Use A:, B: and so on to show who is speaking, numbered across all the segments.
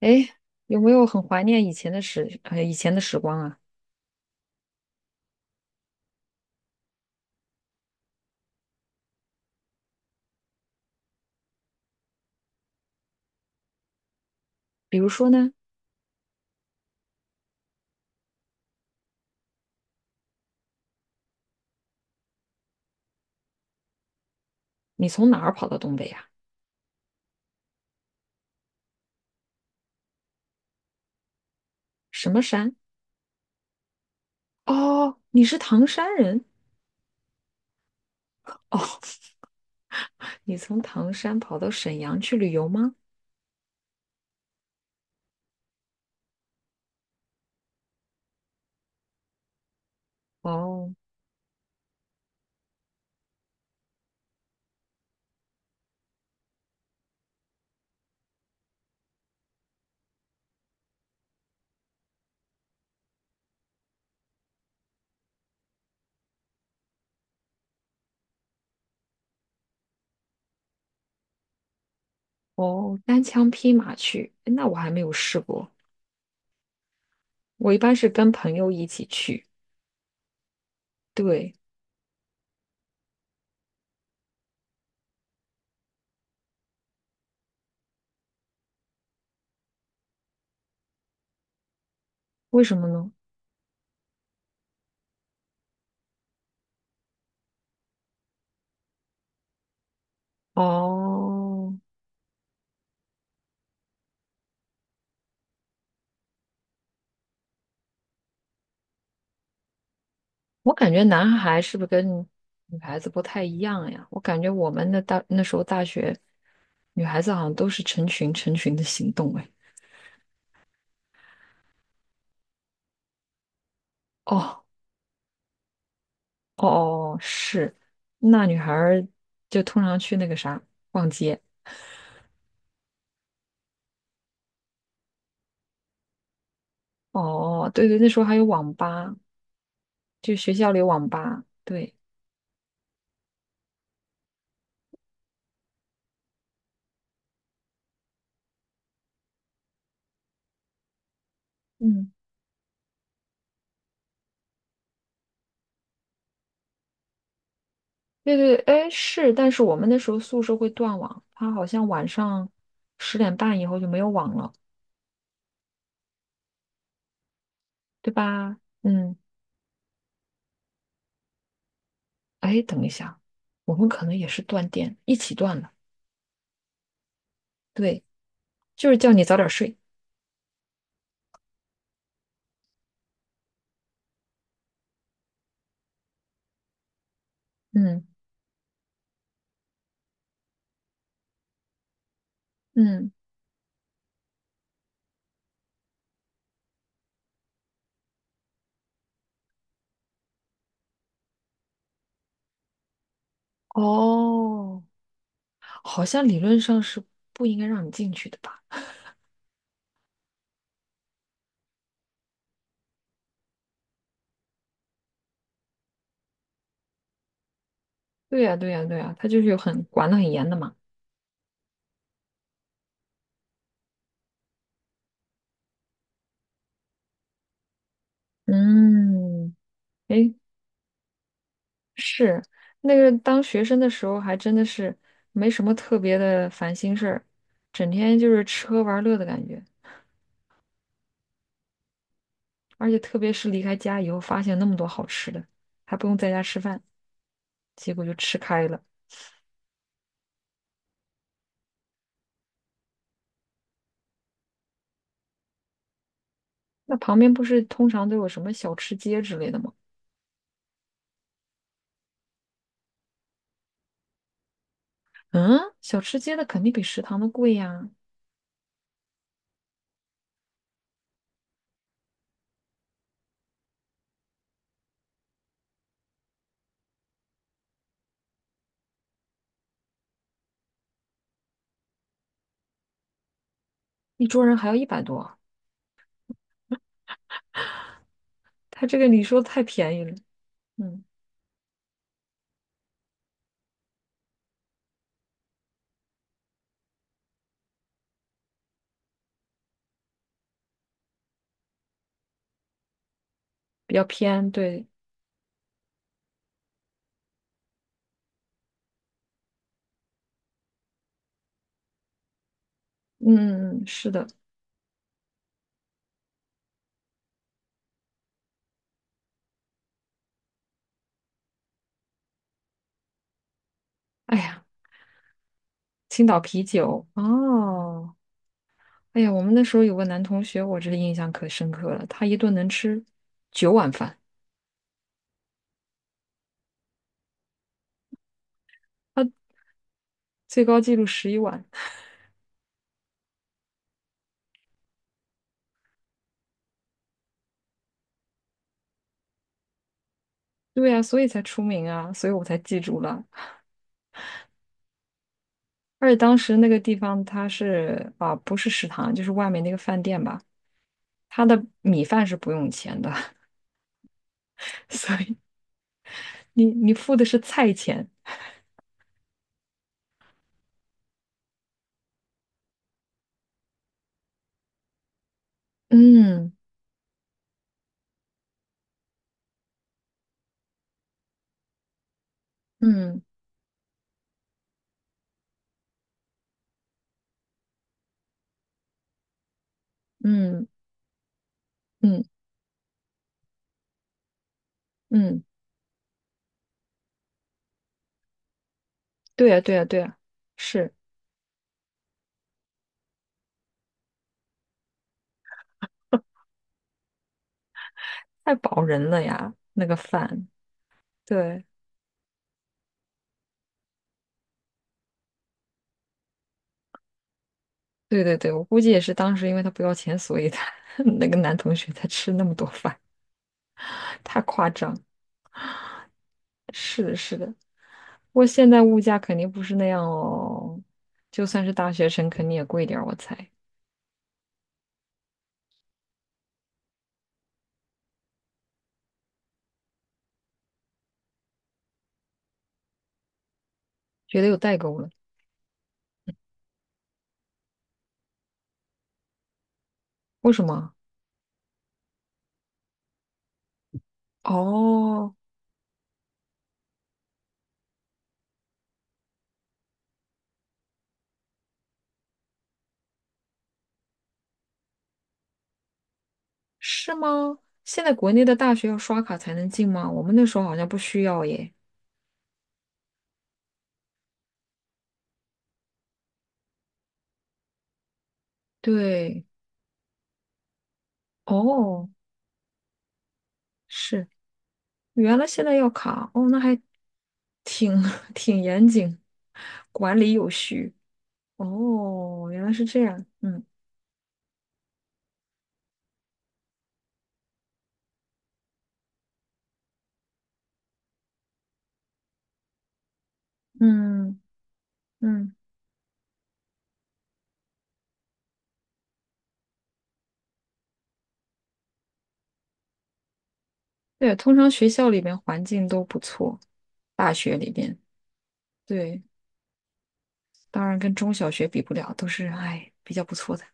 A: 哎，有没有很怀念以前的时光啊？比如说呢，你从哪儿跑到东北呀、什么山？哦，你是唐山人？哦，你从唐山跑到沈阳去旅游吗？哦哦，单枪匹马去，诶那我还没有试过。我一般是跟朋友一起去。对，为什么呢？哦，我感觉男孩是不是跟女孩子不太一样呀？我感觉我们那时候大学。女孩子好像都是成群成群的行动哎。哦哦哦，是，那女孩儿就通常去那个啥逛街。哦，对对，那时候还有网吧，就学校里有网吧。对，嗯，对对，哎是，但是我们那时候宿舍会断网，它好像晚上10点半以后就没有网了，对吧？嗯，哎，等一下，我们可能也是断电，一起断了。对，就是叫你早点睡。嗯嗯，哦。好像理论上是不应该让你进去的吧？对呀，对呀，对呀，他就是有很管得很严的嘛。嗯，诶，是那个当学生的时候，还真的是没什么特别的烦心事儿，整天就是吃喝玩乐的感觉。而且特别是离开家以后，发现那么多好吃的，还不用在家吃饭，结果就吃开了。那旁边不是通常都有什么小吃街之类的吗？嗯，小吃街的肯定比食堂的贵呀，一桌人还要100多。它这个你说太便宜了，嗯，比较偏，对，嗯嗯嗯，是的。哎呀，青岛啤酒，哦，哎呀，我们那时候有个男同学，我这印象可深刻了，他一顿能吃9碗饭，最高纪录11碗。对呀，所以才出名啊，所以我才记住了。而且当时那个地方它是啊，不是食堂，就是外面那个饭店吧，它的米饭是不用钱的，所以你付的是菜钱。嗯嗯嗯嗯嗯。对呀，对呀，对呀，是太饱人了呀，那个饭。对，对对对，我估计也是当时因为他不要钱，所以他 那个男同学才吃那么多饭，太夸张。是的，是的，不过现在物价肯定不是那样哦，就算是大学生，肯定也贵点儿，我猜。觉得有代沟了，为什么？哦，是吗？现在国内的大学要刷卡才能进吗？我们那时候好像不需要耶。对，哦，是。原来现在要卡哦，那还挺 挺严谨，管理有序。哦，原来是这样。嗯嗯嗯，对，通常学校里面环境都不错，大学里面，对，当然跟中小学比不了，都是哎比较不错的。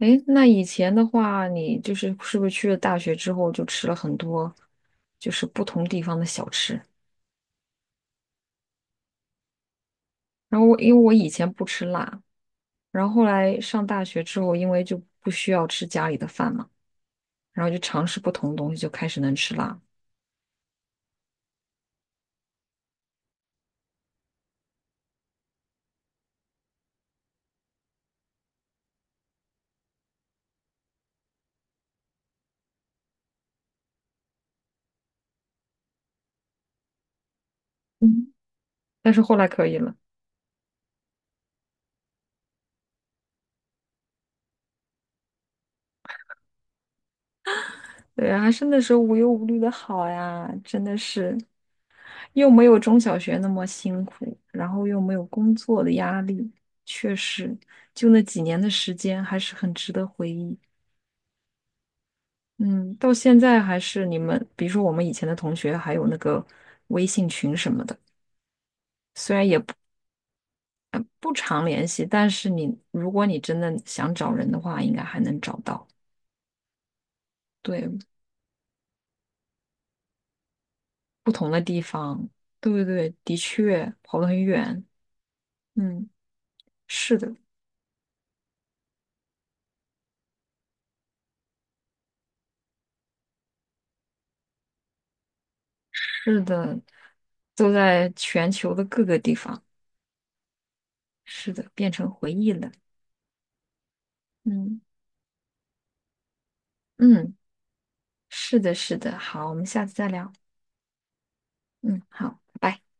A: 诶，那以前的话，你就是是不是去了大学之后就吃了很多，就是不同地方的小吃？然后我因为我以前不吃辣，然后后来上大学之后，因为就不需要吃家里的饭嘛，然后就尝试不同的东西，就开始能吃辣。嗯，但是后来可以了，对啊，还是那时候无忧无虑的好呀，真的是又没有中小学那么辛苦，然后又没有工作的压力，确实，就那几年的时间还是很值得回忆。嗯，到现在还是你们，比如说我们以前的同学，还有那个微信群什么的。虽然也不。不常联系，但是你如果你真的想找人的话，应该还能找到。对，不同的地方，对对对，的确跑得很远。嗯，是的，是的，都在全球的各个地方。是的，变成回忆了。嗯嗯，是的，是的。好，我们下次再聊。嗯，好，拜拜。